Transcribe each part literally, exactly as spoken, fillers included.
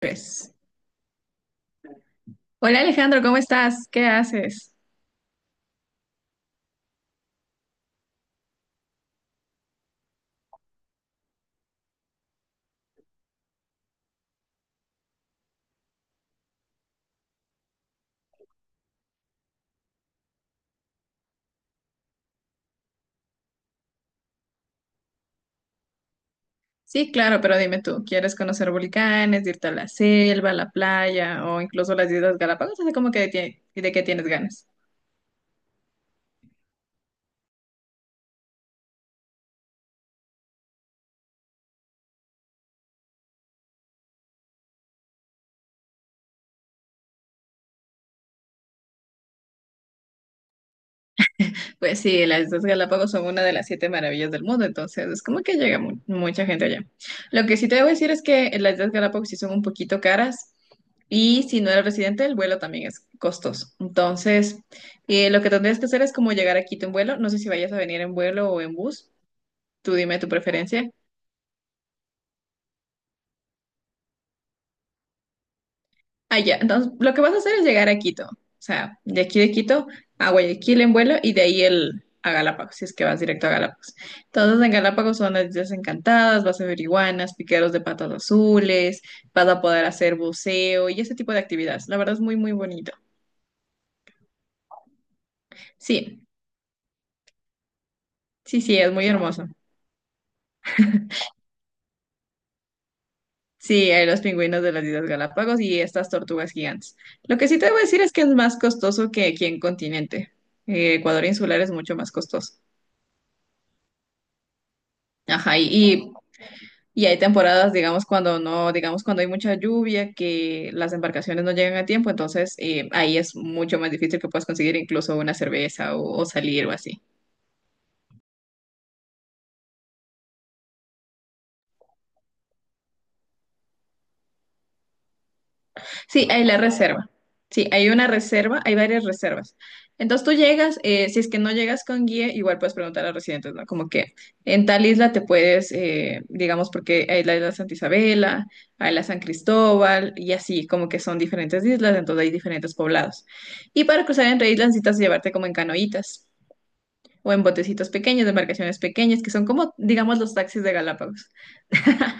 Pues. Hola Alejandro, ¿cómo estás? ¿Qué haces? Sí, claro, pero dime tú, ¿quieres conocer volcanes, irte a la selva, a la playa o incluso las Islas Galápagos? Así como que de, ti- de qué tienes ganas. Pues sí, las Islas Galápagos son una de las siete maravillas del mundo, entonces es como que llega mu- mucha gente allá. Lo que sí te debo decir es que las Islas Galápagos sí son un poquito caras y si no eres residente, el vuelo también es costoso. Entonces, eh, lo que tendrías que hacer es como llegar a Quito en vuelo. No sé si vayas a venir en vuelo o en bus. Tú dime tu preferencia. Allá, entonces lo que vas a hacer es llegar a Quito, o sea, de aquí de Quito a Guayaquil en vuelo y de ahí el, a Galápagos, si es que vas directo a Galápagos. Entonces en Galápagos son las Islas Encantadas, vas a ver iguanas, piqueros de patas azules, vas a poder hacer buceo y ese tipo de actividades. La verdad es muy, muy bonito. Sí, sí, sí, es muy hermoso. Sí, hay los pingüinos de las Islas Galápagos y estas tortugas gigantes. Lo que sí te voy a decir es que es más costoso que aquí en continente. Eh, Ecuador insular es mucho más costoso. Ajá, y, Y hay temporadas, digamos, cuando no, digamos, cuando hay mucha lluvia, que las embarcaciones no llegan a tiempo, entonces eh, ahí es mucho más difícil que puedas conseguir incluso una cerveza o, o salir o así. Sí, hay la reserva. Sí, hay una reserva, hay varias reservas. Entonces tú llegas, eh, si es que no llegas con guía, igual puedes preguntar a los residentes, ¿no? Como que en tal isla te puedes, eh, digamos, porque hay la isla Santa Isabela, hay la San Cristóbal y así, como que son diferentes islas, entonces hay diferentes poblados. Y para cruzar entre islas necesitas llevarte como en canoitas o en botecitos pequeños, de embarcaciones pequeñas, que son como, digamos, los taxis de Galápagos.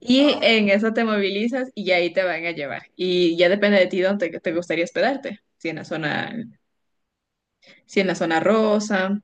Y en eso te movilizas y ahí te van a llevar. Y ya depende de ti dónde te gustaría hospedarte. Si en la zona, si en la zona rosa.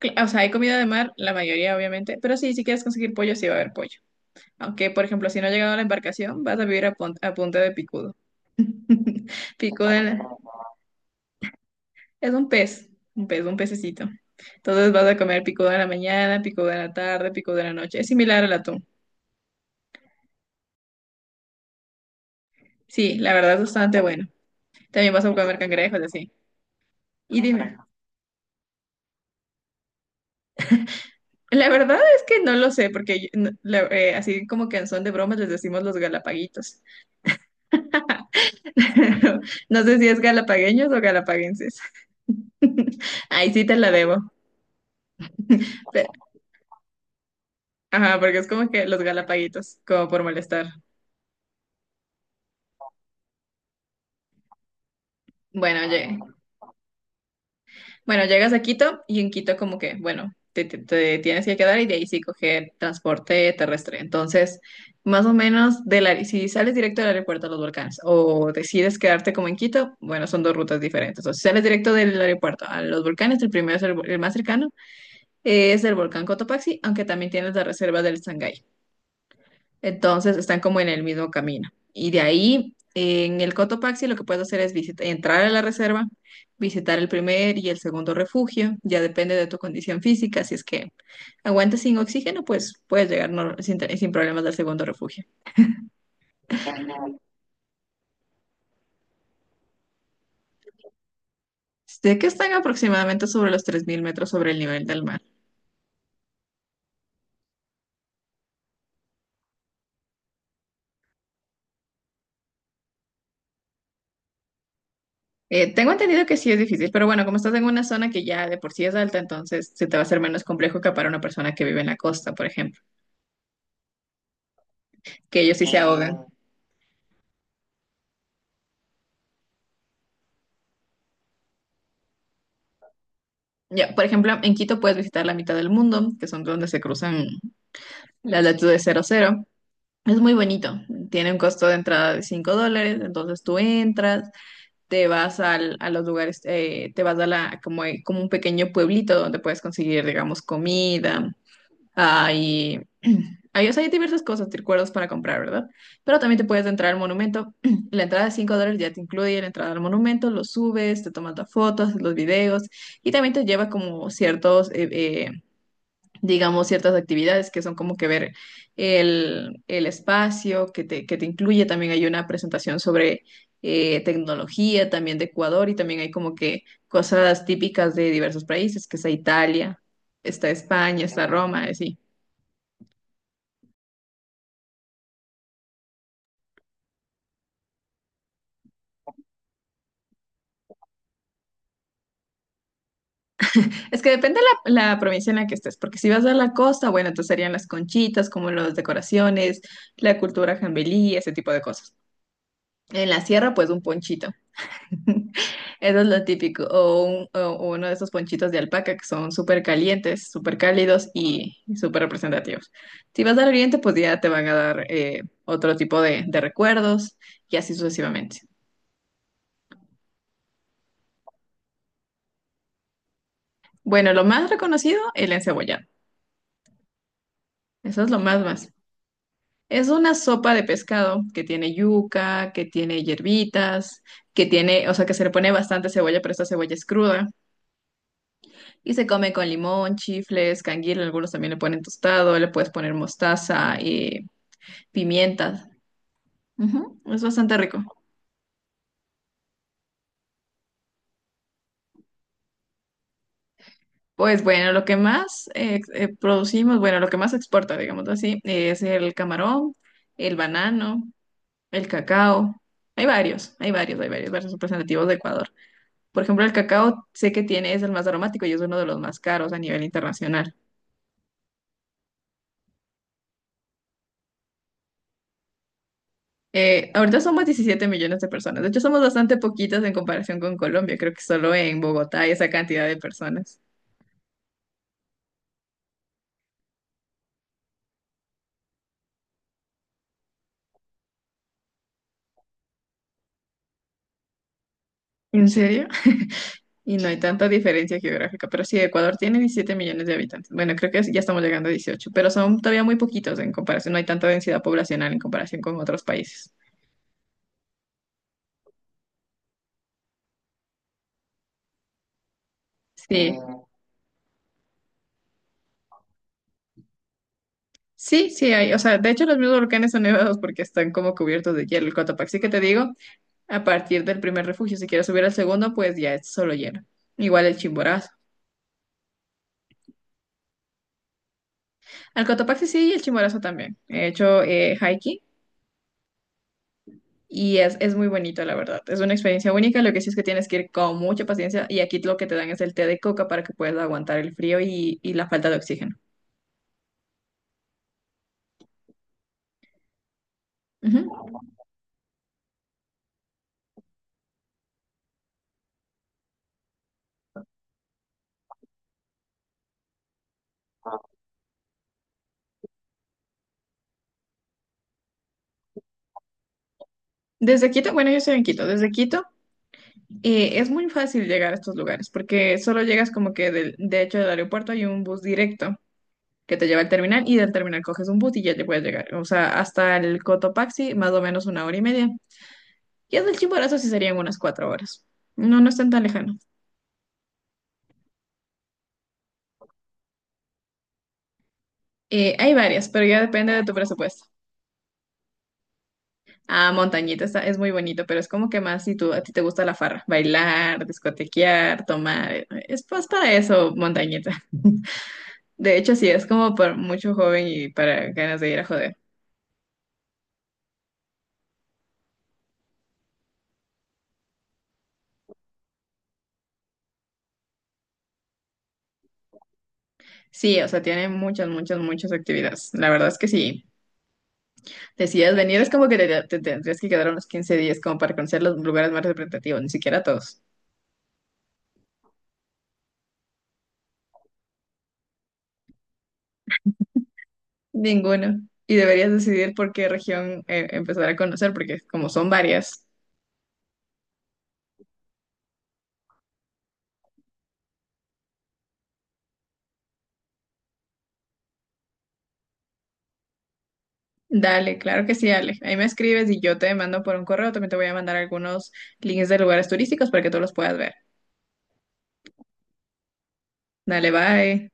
Cl- O sea, hay comida de mar, la mayoría obviamente. Pero sí, si quieres conseguir pollo, sí va a haber pollo. Aunque, por ejemplo, si no ha llegado a la embarcación, vas a vivir a, pon- a punta de picudo. Picudo en la- es un pez, un pez, un pececito. Entonces vas a comer picudo en la mañana, picudo en la tarde, picudo en la noche. Es similar al atún. Sí, la verdad es bastante bueno. También vas a comer cangrejos, así. Y dime. La verdad es que no lo sé, porque yo- no- la- eh, así como que en son de bromas les decimos los galapaguitos. No sé si es galapagueños o galapaguenses. Ahí sí te la debo. Pe- Ajá, porque es como que los galapaguitos, como por molestar. Bueno, oye. Bueno, llegas a Quito y en Quito como que, bueno, te, te- te tienes que quedar y de ahí sí coger transporte terrestre. Entonces, más o menos, de la, si sales directo del aeropuerto a los Volcanes o decides quedarte como en Quito, bueno, son dos rutas diferentes. O si sales directo del aeropuerto a los Volcanes, el primero es el, el más cercano, es el volcán Cotopaxi, aunque también tienes la reserva del Sangay. Entonces están como en el mismo camino. Y de ahí, en el Cotopaxi, lo que puedes hacer es visit- entrar a la reserva, visitar el primer y el segundo refugio. Ya depende de tu condición física. Si es que aguantas sin oxígeno, pues puedes llegar nor- sin, te- sin problemas al segundo refugio. Sé que están aproximadamente sobre los tres mil metros sobre el nivel del mar. Eh, tengo entendido que sí es difícil, pero bueno, como estás en una zona que ya de por sí es alta, entonces se te va a hacer menos complejo que para una persona que vive en la costa, por ejemplo, que ellos sí se ahogan. Ya, por ejemplo, en Quito puedes visitar la mitad del mundo, que son donde se cruzan las latitudes cero cero. Es muy bonito. Tiene un costo de entrada de cinco dólares, entonces tú entras, te vas al- a los lugares, eh, te vas a la, como, como un pequeño pueblito donde puedes conseguir, digamos, comida. Ah, y hay, o sea, hay diversas cosas, recuerdos para comprar, ¿verdad? Pero también te puedes entrar al monumento. La entrada de cinco dólares ya te incluye la entrada al monumento, lo subes, te tomas las fotos, haces los videos y también te lleva como ciertos, eh, eh, digamos, ciertas actividades que son como que ver el, el espacio que te, que te incluye. También hay una presentación sobre eh, tecnología también de Ecuador y también hay como que cosas típicas de diversos países, que está Italia, está España, está Roma, así. Es que depende la, la provincia en la que estés, porque si vas a la costa, bueno, entonces serían las conchitas, como las decoraciones, la cultura jambelí, ese tipo de cosas. En la sierra, pues un ponchito. Eso es lo típico. O, un- o uno de esos ponchitos de alpaca que son súper calientes, súper cálidos y súper representativos. Si vas al oriente, pues ya te van a dar eh, otro tipo de, de recuerdos y así sucesivamente. Bueno, lo más reconocido, el encebollado. Eso es lo más más. Es una sopa de pescado que tiene yuca, que tiene hierbitas, que tiene, o sea, que se le pone bastante cebolla, pero esta cebolla es cruda. Y se come con limón, chifles, canguil, algunos también le ponen tostado, le puedes poner mostaza y pimientas. Ujú, es bastante rico. Pues bueno, lo que más eh, ex- eh, producimos, bueno, lo que más exporta, digamos así, es el camarón, el banano, el cacao. Hay varios, hay varios, hay varios, varios representativos de Ecuador. Por ejemplo, el cacao sé que tiene, es el más aromático y es uno de los más caros a nivel internacional. Eh, ahorita somos diecisiete millones de personas. De hecho, somos bastante poquitas en comparación con Colombia. Creo que solo en Bogotá hay esa cantidad de personas. ¿En serio? Y no hay tanta diferencia geográfica, pero sí, Ecuador tiene diecisiete millones de habitantes. Bueno, creo que ya estamos llegando a dieciocho, pero son todavía muy poquitos en comparación. No hay tanta densidad poblacional en comparación con otros países. Sí. Sí, sí hay, o sea, de hecho los mismos volcanes son nevados porque están como cubiertos de hielo. El Cotopaxi que te digo. A partir del primer refugio, si quieres subir al segundo, pues ya es solo lleno. Igual el Chimborazo. Al Cotopaxi sí y el Chimborazo también. He hecho eh, hiking y es, es muy bonito, la verdad. Es una experiencia única. Lo que sí es que tienes que ir con mucha paciencia y aquí lo que te dan es el té de coca para que puedas aguantar el frío y, y la falta de oxígeno. Ujú. Desde Quito, bueno, yo estoy en Quito. Desde Quito eh, es muy fácil llegar a estos lugares porque solo llegas como que del, de hecho del aeropuerto hay un bus directo que te lleva al terminal y del terminal coges un bus y ya te puedes llegar. O sea, hasta el Cotopaxi, más o menos una hora y media. Y hasta el Chimborazo sí serían unas cuatro horas. No, no es tan tan lejano. Eh, hay varias, pero ya depende de tu presupuesto. Ah, Montañita está, es muy bonito, pero es como que más si tú, a ti te gusta la farra, bailar, discotequear, tomar. eh, Es más para eso, Montañita. De hecho, sí, es como para mucho joven y para ganas de ir a joder. Sí, o sea, tiene muchas, muchas, muchas actividades. La verdad es que sí. Decidas venir, es como que te, te tendrías que quedar unos quince días como para conocer los lugares más representativos, ni siquiera todos. Ninguno. Y deberías decidir por qué región eh, empezar a conocer, porque como son varias. Dale, claro que sí, Ale. Ahí me escribes y yo te mando por un correo. También te voy a mandar algunos links de lugares turísticos para que tú los puedas ver. Dale, bye.